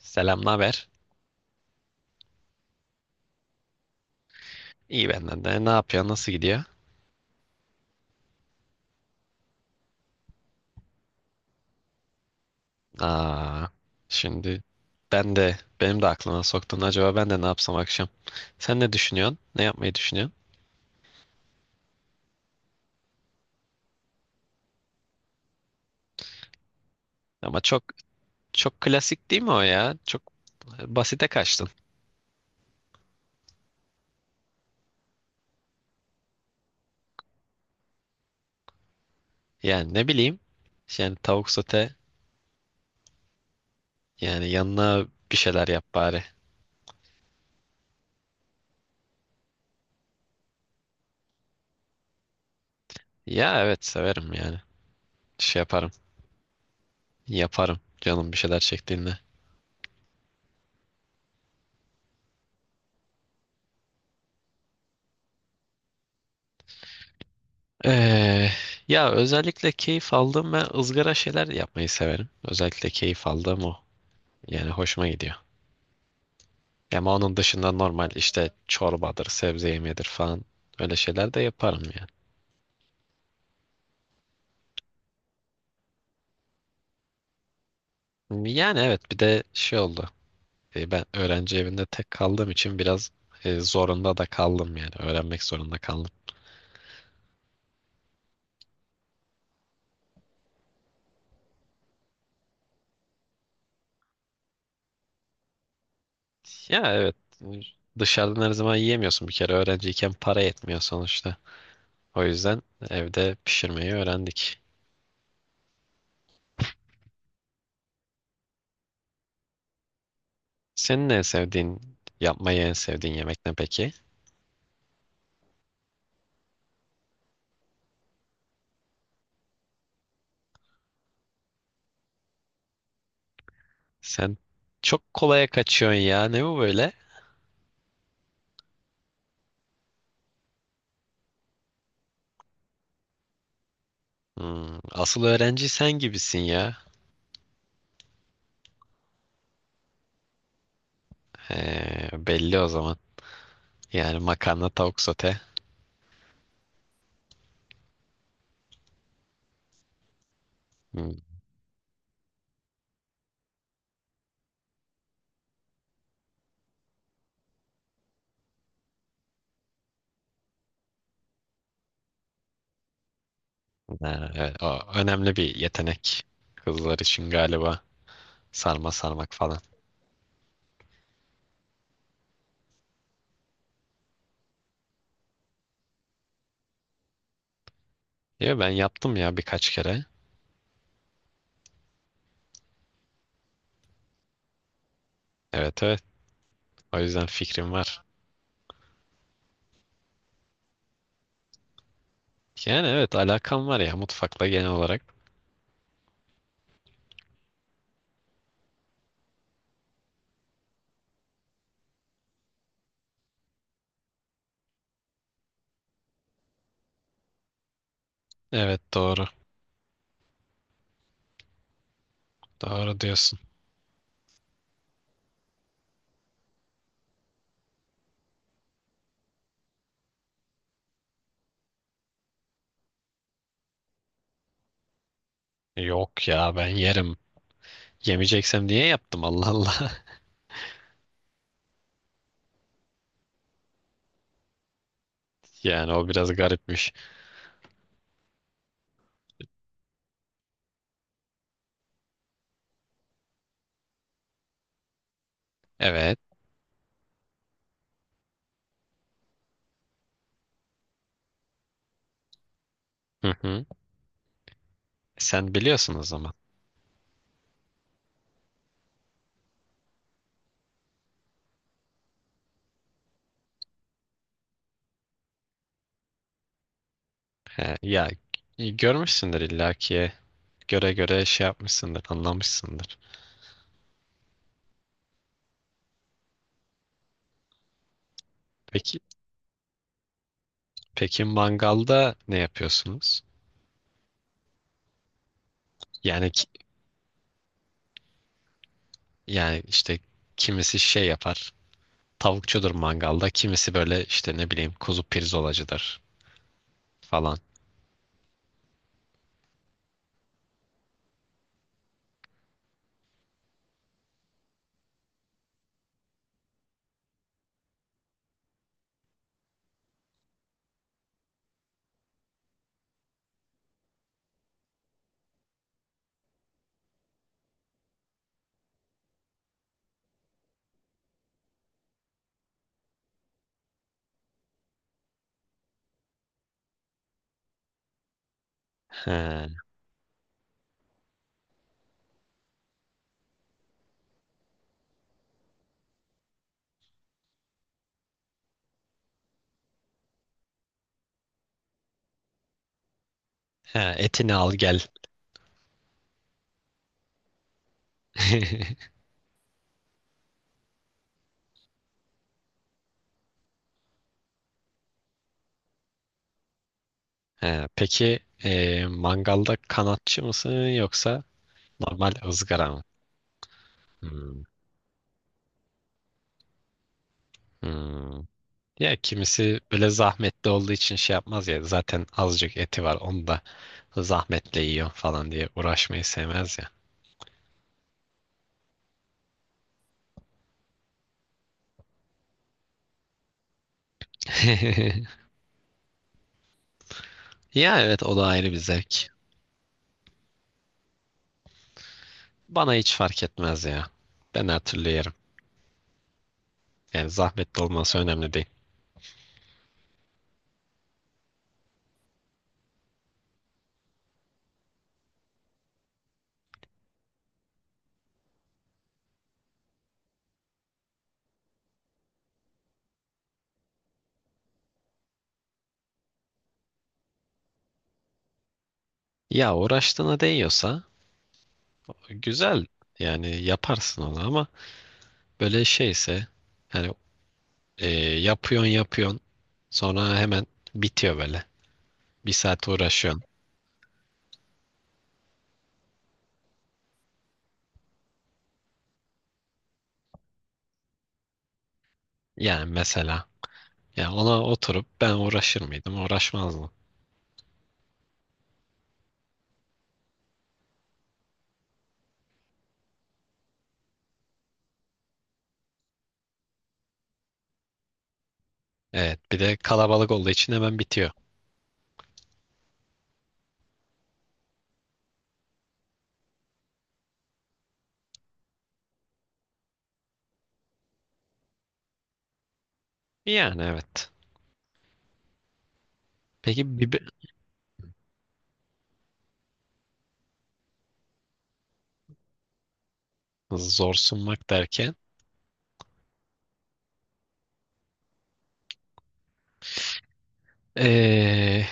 Selam, ne haber? İyi benden de. Ne yapıyor? Nasıl gidiyor? Aa, şimdi benim de aklıma soktun. Acaba ben de ne yapsam akşam? Sen ne düşünüyorsun? Ne yapmayı düşünüyorsun? Ama çok klasik değil mi o ya? Çok basite kaçtın. Yani ne bileyim. Yani tavuk sote yani yanına bir şeyler yap bari. Ya evet severim yani. Şey yaparım. Yaparım. Canım bir şeyler çektiğinde. Ee, Ya özellikle keyif aldığım ve ızgara şeyler yapmayı severim. Özellikle keyif aldığım o. Yani hoşuma gidiyor. Ama onun dışında normal işte çorbadır, sebze yemeğidir falan öyle şeyler de yaparım yani. Yani evet bir de şey oldu. Ben öğrenci evinde tek kaldığım için biraz zorunda da kaldım yani. Öğrenmek zorunda kaldım. Ya evet, dışarıdan her zaman yiyemiyorsun bir kere, öğrenciyken para yetmiyor sonuçta. O yüzden evde pişirmeyi öğrendik. Senin en sevdiğin, yapmayı en sevdiğin yemek ne peki? Sen çok kolaya kaçıyorsun ya. Ne bu böyle? Hmm, asıl öğrenci sen gibisin ya. He, belli o zaman. Yani makarna, tavuk sote. Hmm, ha, evet, o önemli bir yetenek. Kızlar için galiba sarma sarmak falan. Ya ben yaptım ya birkaç kere. Evet, evet. O yüzden fikrim var. Yani evet, alakam var ya mutfakla genel olarak. Evet, doğru. Doğru diyorsun. Yok ya, ben yerim. Yemeyeceksem niye yaptım, Allah Allah. Yani o biraz garipmiş. Evet. Hı hı. Sen biliyorsun o zaman. He, ya görmüşsündür illaki. Göre göre şey yapmışsındır, anlamışsındır. Peki peki, mangalda ne yapıyorsunuz? Yani yani işte kimisi şey yapar. Tavukçudur mangalda. Kimisi böyle işte ne bileyim kuzu pirzolacıdır falan. He, he, etini al gel. He, peki mangalda kanatçı mısın, yoksa normal ızgara mı? Hmm, hmm. Ya kimisi böyle zahmetli olduğu için şey yapmaz ya. Zaten azıcık eti var. Onu da zahmetle yiyor falan diye uğraşmayı sevmez ya. Ya evet, o da ayrı bir zevk. Bana hiç fark etmez ya. Ben her türlü yerim. Yani zahmetli olması önemli değil. Ya uğraştığına değiyorsa güzel. Yani yaparsın onu ama böyle şeyse yani yapıyorsun sonra hemen bitiyor böyle. Bir saat uğraşıyorsun. Yani mesela ya ona oturup ben uğraşır mıydım? Uğraşmazdım. Evet, bir de kalabalık olduğu için hemen bitiyor. Yani evet. Peki bir zor sunmak derken ee,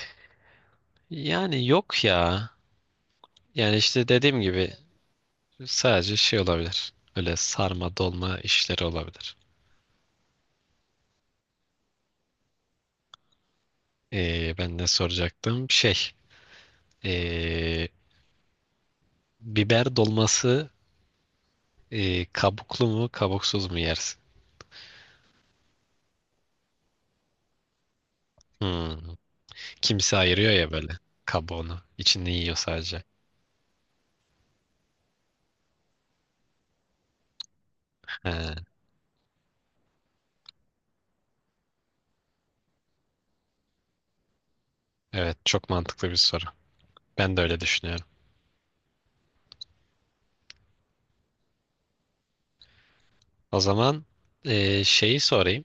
yani yok ya. Yani işte dediğim gibi sadece şey olabilir. Öyle sarma dolma işleri olabilir. Ben ne soracaktım? Şey, ee, biber dolması, kabuklu mu kabuksuz mu yersin? Hmm. Kimse ayırıyor ya böyle kabuğunu. İçini yiyor sadece. He, evet, çok mantıklı bir soru. Ben de öyle düşünüyorum. O zaman şeyi sorayım.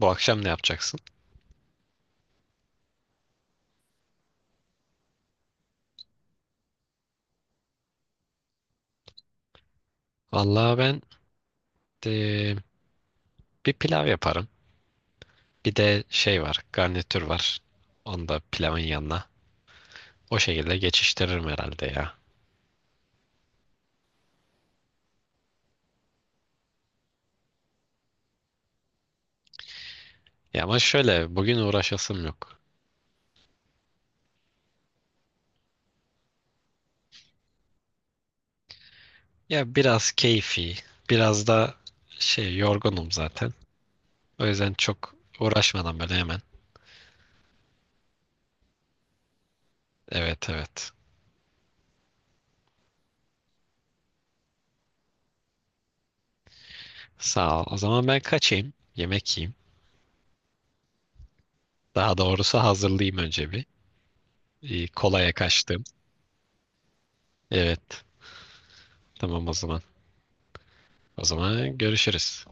Bu akşam ne yapacaksın? Vallahi ben e, bir pilav yaparım. Bir de şey var, garnitür var. Onu da pilavın yanına. O şekilde geçiştiririm herhalde ya. Ya ama şöyle, bugün uğraşasım yok. Ya biraz keyfi, biraz da şey, yorgunum zaten. O yüzden çok uğraşmadan böyle hemen. Evet, evet. Sağ ol. O zaman ben kaçayım. Yemek yiyeyim. Daha doğrusu hazırlayayım önce bir. Kolaya kaçtım. Evet. Tamam o zaman. O zaman görüşürüz.